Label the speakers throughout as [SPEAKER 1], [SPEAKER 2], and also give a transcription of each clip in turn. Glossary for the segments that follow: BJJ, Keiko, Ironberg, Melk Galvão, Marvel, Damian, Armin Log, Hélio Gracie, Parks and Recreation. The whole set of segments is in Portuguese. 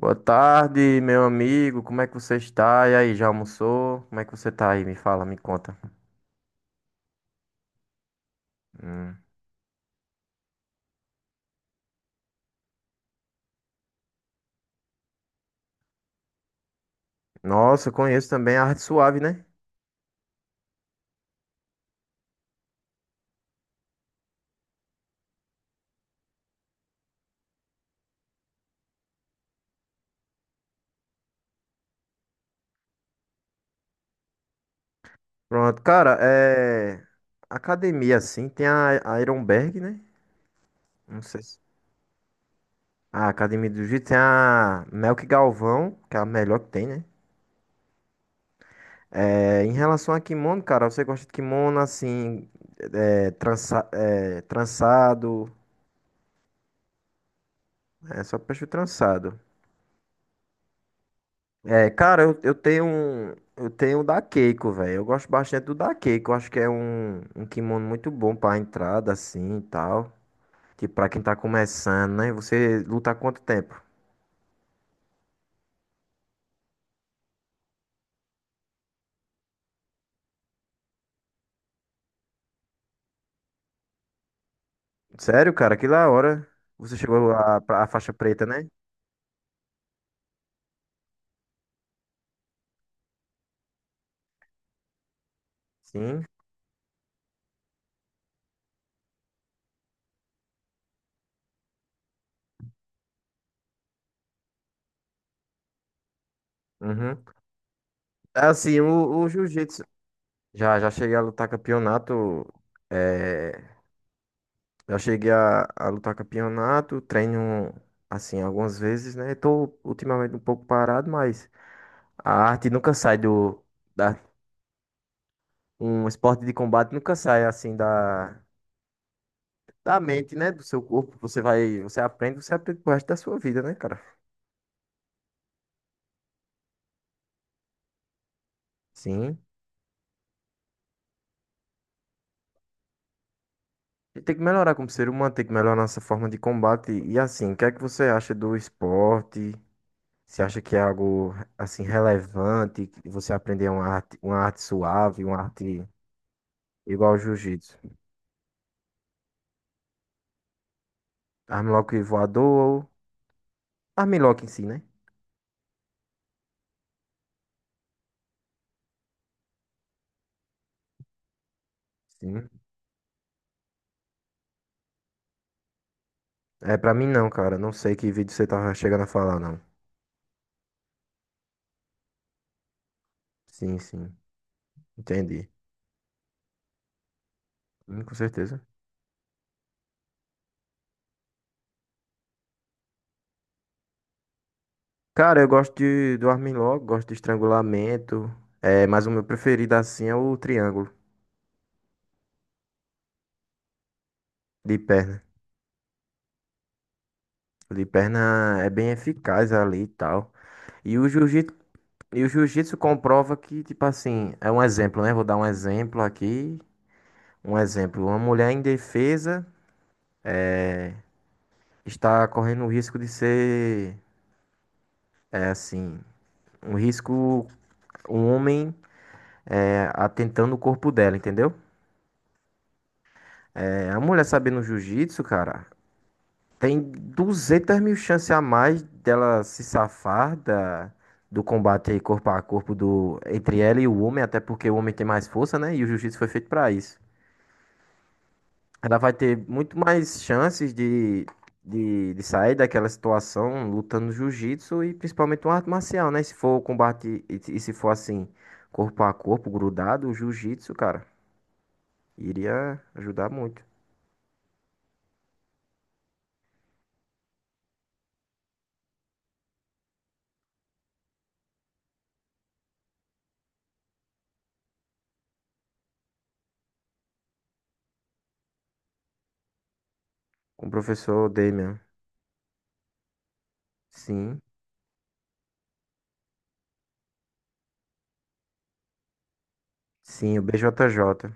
[SPEAKER 1] Boa tarde, meu amigo. Como é que você está? E aí, já almoçou? Como é que você tá aí? Me fala, me conta. Hum. Nossa, eu conheço também a Arte Suave, né? Pronto, cara, é. Academia, assim, tem a Ironberg, né? Não sei se. A Academia do Jiu-Jitsu tem a Melk Galvão, que é a melhor que tem, né? É, em relação a kimono, cara, você gosta de kimono assim, é, é, trançado, é só peixe trançado. É, cara, eu tenho um, eu tenho um da Keiko, velho. Eu gosto bastante do da Keiko. Eu acho que é um, um kimono muito bom pra entrada, assim, e tal. Tipo, pra quem tá começando, né? Você luta há quanto tempo? Sério, cara, que da hora. Você chegou a, a faixa preta, né? Sim. Uhum. É assim, o jiu-jitsu. Já cheguei a lutar campeonato. É, já cheguei a lutar campeonato. Treino, assim, algumas vezes, né? Tô ultimamente um pouco parado, mas. A arte nunca sai do. Da, um esporte de combate nunca sai assim da, da mente, né? Do seu corpo. Você vai. Você aprende pro resto da sua vida, né, cara? Sim. E tem que melhorar como ser humano, tem que melhorar nossa forma de combate. E assim, o que é que você acha do esporte? Você acha que é algo assim relevante? Que você aprender uma arte suave, uma arte igual ao jiu-jitsu? Armlock voador ou armlock em si, né? Sim. É, pra mim não, cara. Não sei que vídeo você tava chegando a falar, não. Sim, sim. Entendi. Com certeza. Cara, eu gosto de, do Armin Log, gosto de estrangulamento. É, mas o meu preferido assim é o triângulo de perna. O de perna é bem eficaz ali e tal. E o jiu-jitsu, e o jiu-jitsu comprova que, tipo assim, é um exemplo, né? Vou dar um exemplo aqui. Um exemplo. Uma mulher indefesa está correndo o risco de ser, é assim, um risco. Um homem é, atentando o corpo dela, entendeu? É, a mulher sabendo jiu-jitsu, cara. Tem 200 mil chances a mais dela se safar da, do combate corpo a corpo do, entre ela e o homem, até porque o homem tem mais força, né? E o jiu-jitsu foi feito pra isso. Ela vai ter muito mais chances de sair daquela situação lutando no jiu-jitsu e principalmente uma arte marcial, né? Se for o combate e se for assim, corpo a corpo, grudado, o jiu-jitsu, cara, iria ajudar muito. Com o professor Damian. Sim, sim, o BJJ.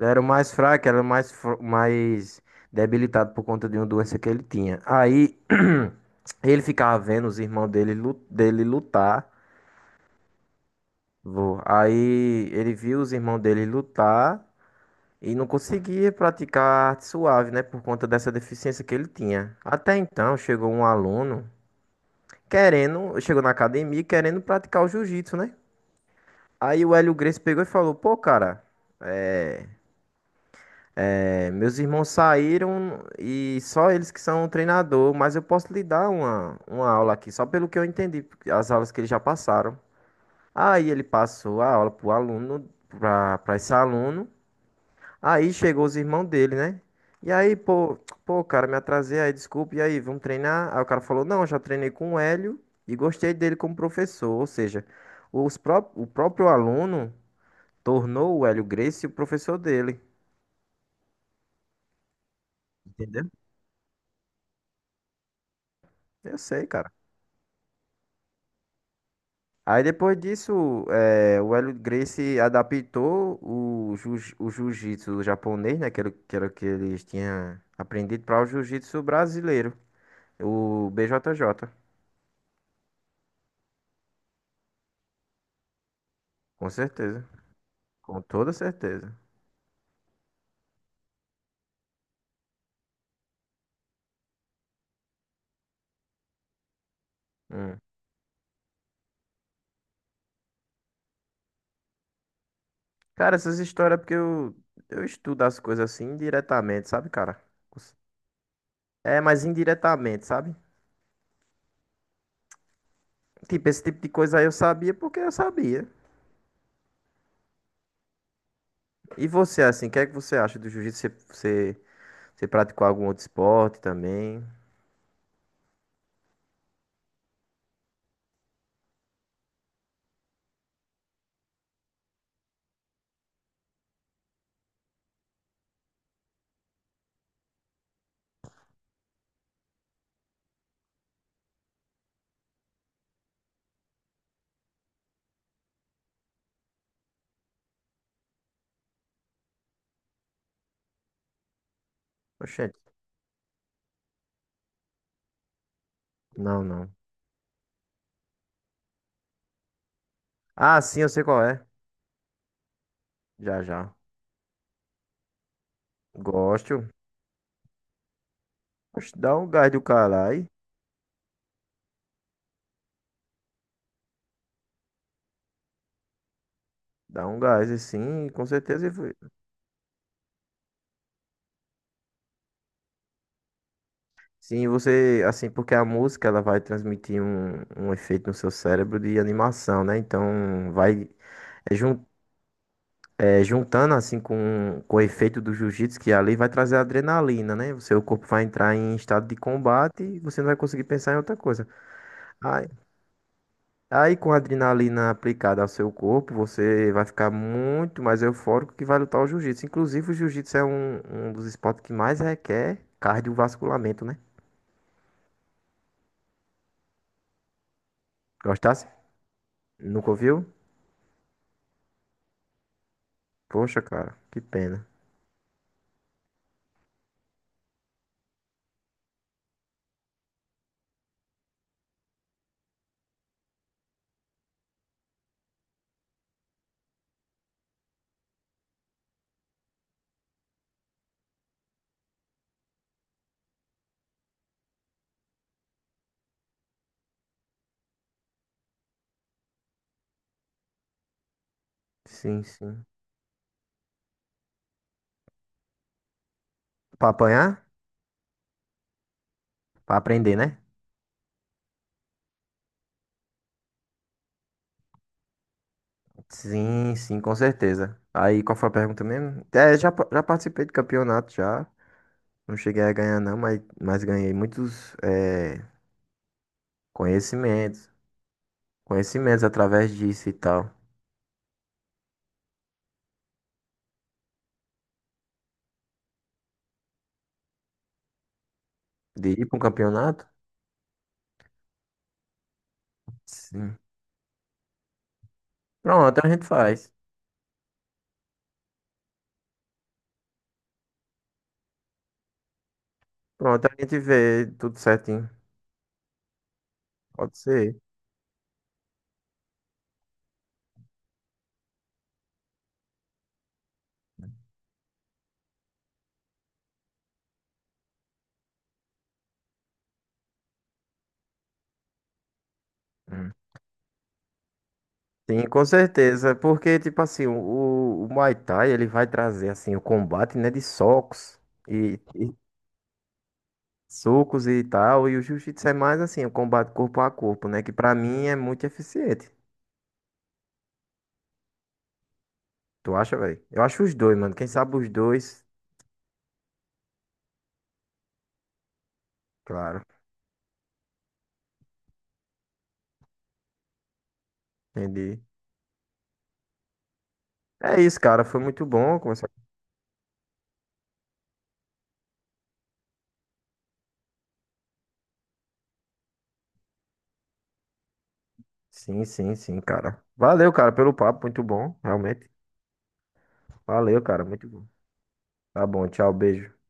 [SPEAKER 1] Ele era o mais fraco, era o mais, mais debilitado por conta de uma doença que ele tinha. Aí ele ficava vendo os irmãos dele, dele lutar. Vô. Aí ele viu os irmãos dele lutar e não conseguia praticar arte suave, né? Por conta dessa deficiência que ele tinha. Até então chegou um aluno querendo, chegou na academia querendo praticar o jiu-jitsu, né? Aí o Hélio Gracie pegou e falou: Pô, cara. É, meus irmãos saíram e só eles que são treinador, mas eu posso lhe dar uma aula aqui, só pelo que eu entendi, porque as aulas que eles já passaram. Aí ele passou a aula pro aluno, pra, pra esse aluno. Aí chegou os irmãos dele, né? E aí, pô, pô, cara, me atrasei aí, desculpa, e aí, vamos treinar? Aí o cara falou, não, já treinei com o Hélio e gostei dele como professor. Ou seja, os pró o próprio aluno tornou o Hélio Gracie o professor dele. Entendeu? Eu sei, cara. Aí depois disso, o Hélio Gracie adaptou o, o jiu-jitsu japonês, né, que era o que eles tinham aprendido, para o jiu-jitsu brasileiro, o BJJ, com certeza, com toda certeza. Hum. Cara, essas histórias é porque eu estudo as coisas assim indiretamente, sabe, cara? É, mas indiretamente, sabe? Tipo, esse tipo de coisa aí eu sabia porque eu sabia. E você, assim, o que é que você acha do jiu-jitsu? Você, você praticou algum outro esporte também? Oxente. Não, não. Ah, sim, eu sei qual é. Já, já. Gosto. Oxe, dá um gás do caralho. Dá um gás, assim, com certeza. Sim, você, assim, porque a música, ela vai transmitir um, um efeito no seu cérebro de animação, né? Então, vai é, é, juntando, assim, com o efeito do jiu-jitsu, que é ali vai trazer adrenalina, né? O seu corpo vai entrar em estado de combate e você não vai conseguir pensar em outra coisa. Ah, Aí, com a adrenalina aplicada ao seu corpo, você vai ficar muito mais eufórico que vai lutar o jiu-jitsu. Inclusive, o jiu-jitsu é um, um dos esportes que mais requer cardiovasculamento, né? Gostasse? Nunca ouviu? Poxa, cara, que pena. Sim, sim. Pra apanhar? Pra aprender, né? Sim, sim, com certeza. Aí, qual foi a pergunta mesmo? É, já, já participei de campeonato, já. Não cheguei a ganhar, não, mas ganhei muitos, é, conhecimentos. Conhecimentos através disso e tal. De ir para um campeonato? Sim. Pronto, a gente faz. Pronto, a gente vê tudo certinho. Pode ser. Hum. Sim, com certeza. Porque, tipo assim, o Muay Thai, ele vai trazer, assim, o combate, né, de socos e socos e tal. E o Jiu-Jitsu é mais, assim, o combate corpo a corpo, né? Que pra mim é muito eficiente. Tu acha, velho? Eu acho os dois, mano. Quem sabe os dois, claro. Entendi. É isso, cara. Foi muito bom conversar. Sim, sim, sim, cara. Valeu, cara, pelo papo. Muito bom, realmente. Valeu, cara. Muito bom. Tá bom, tchau, beijo.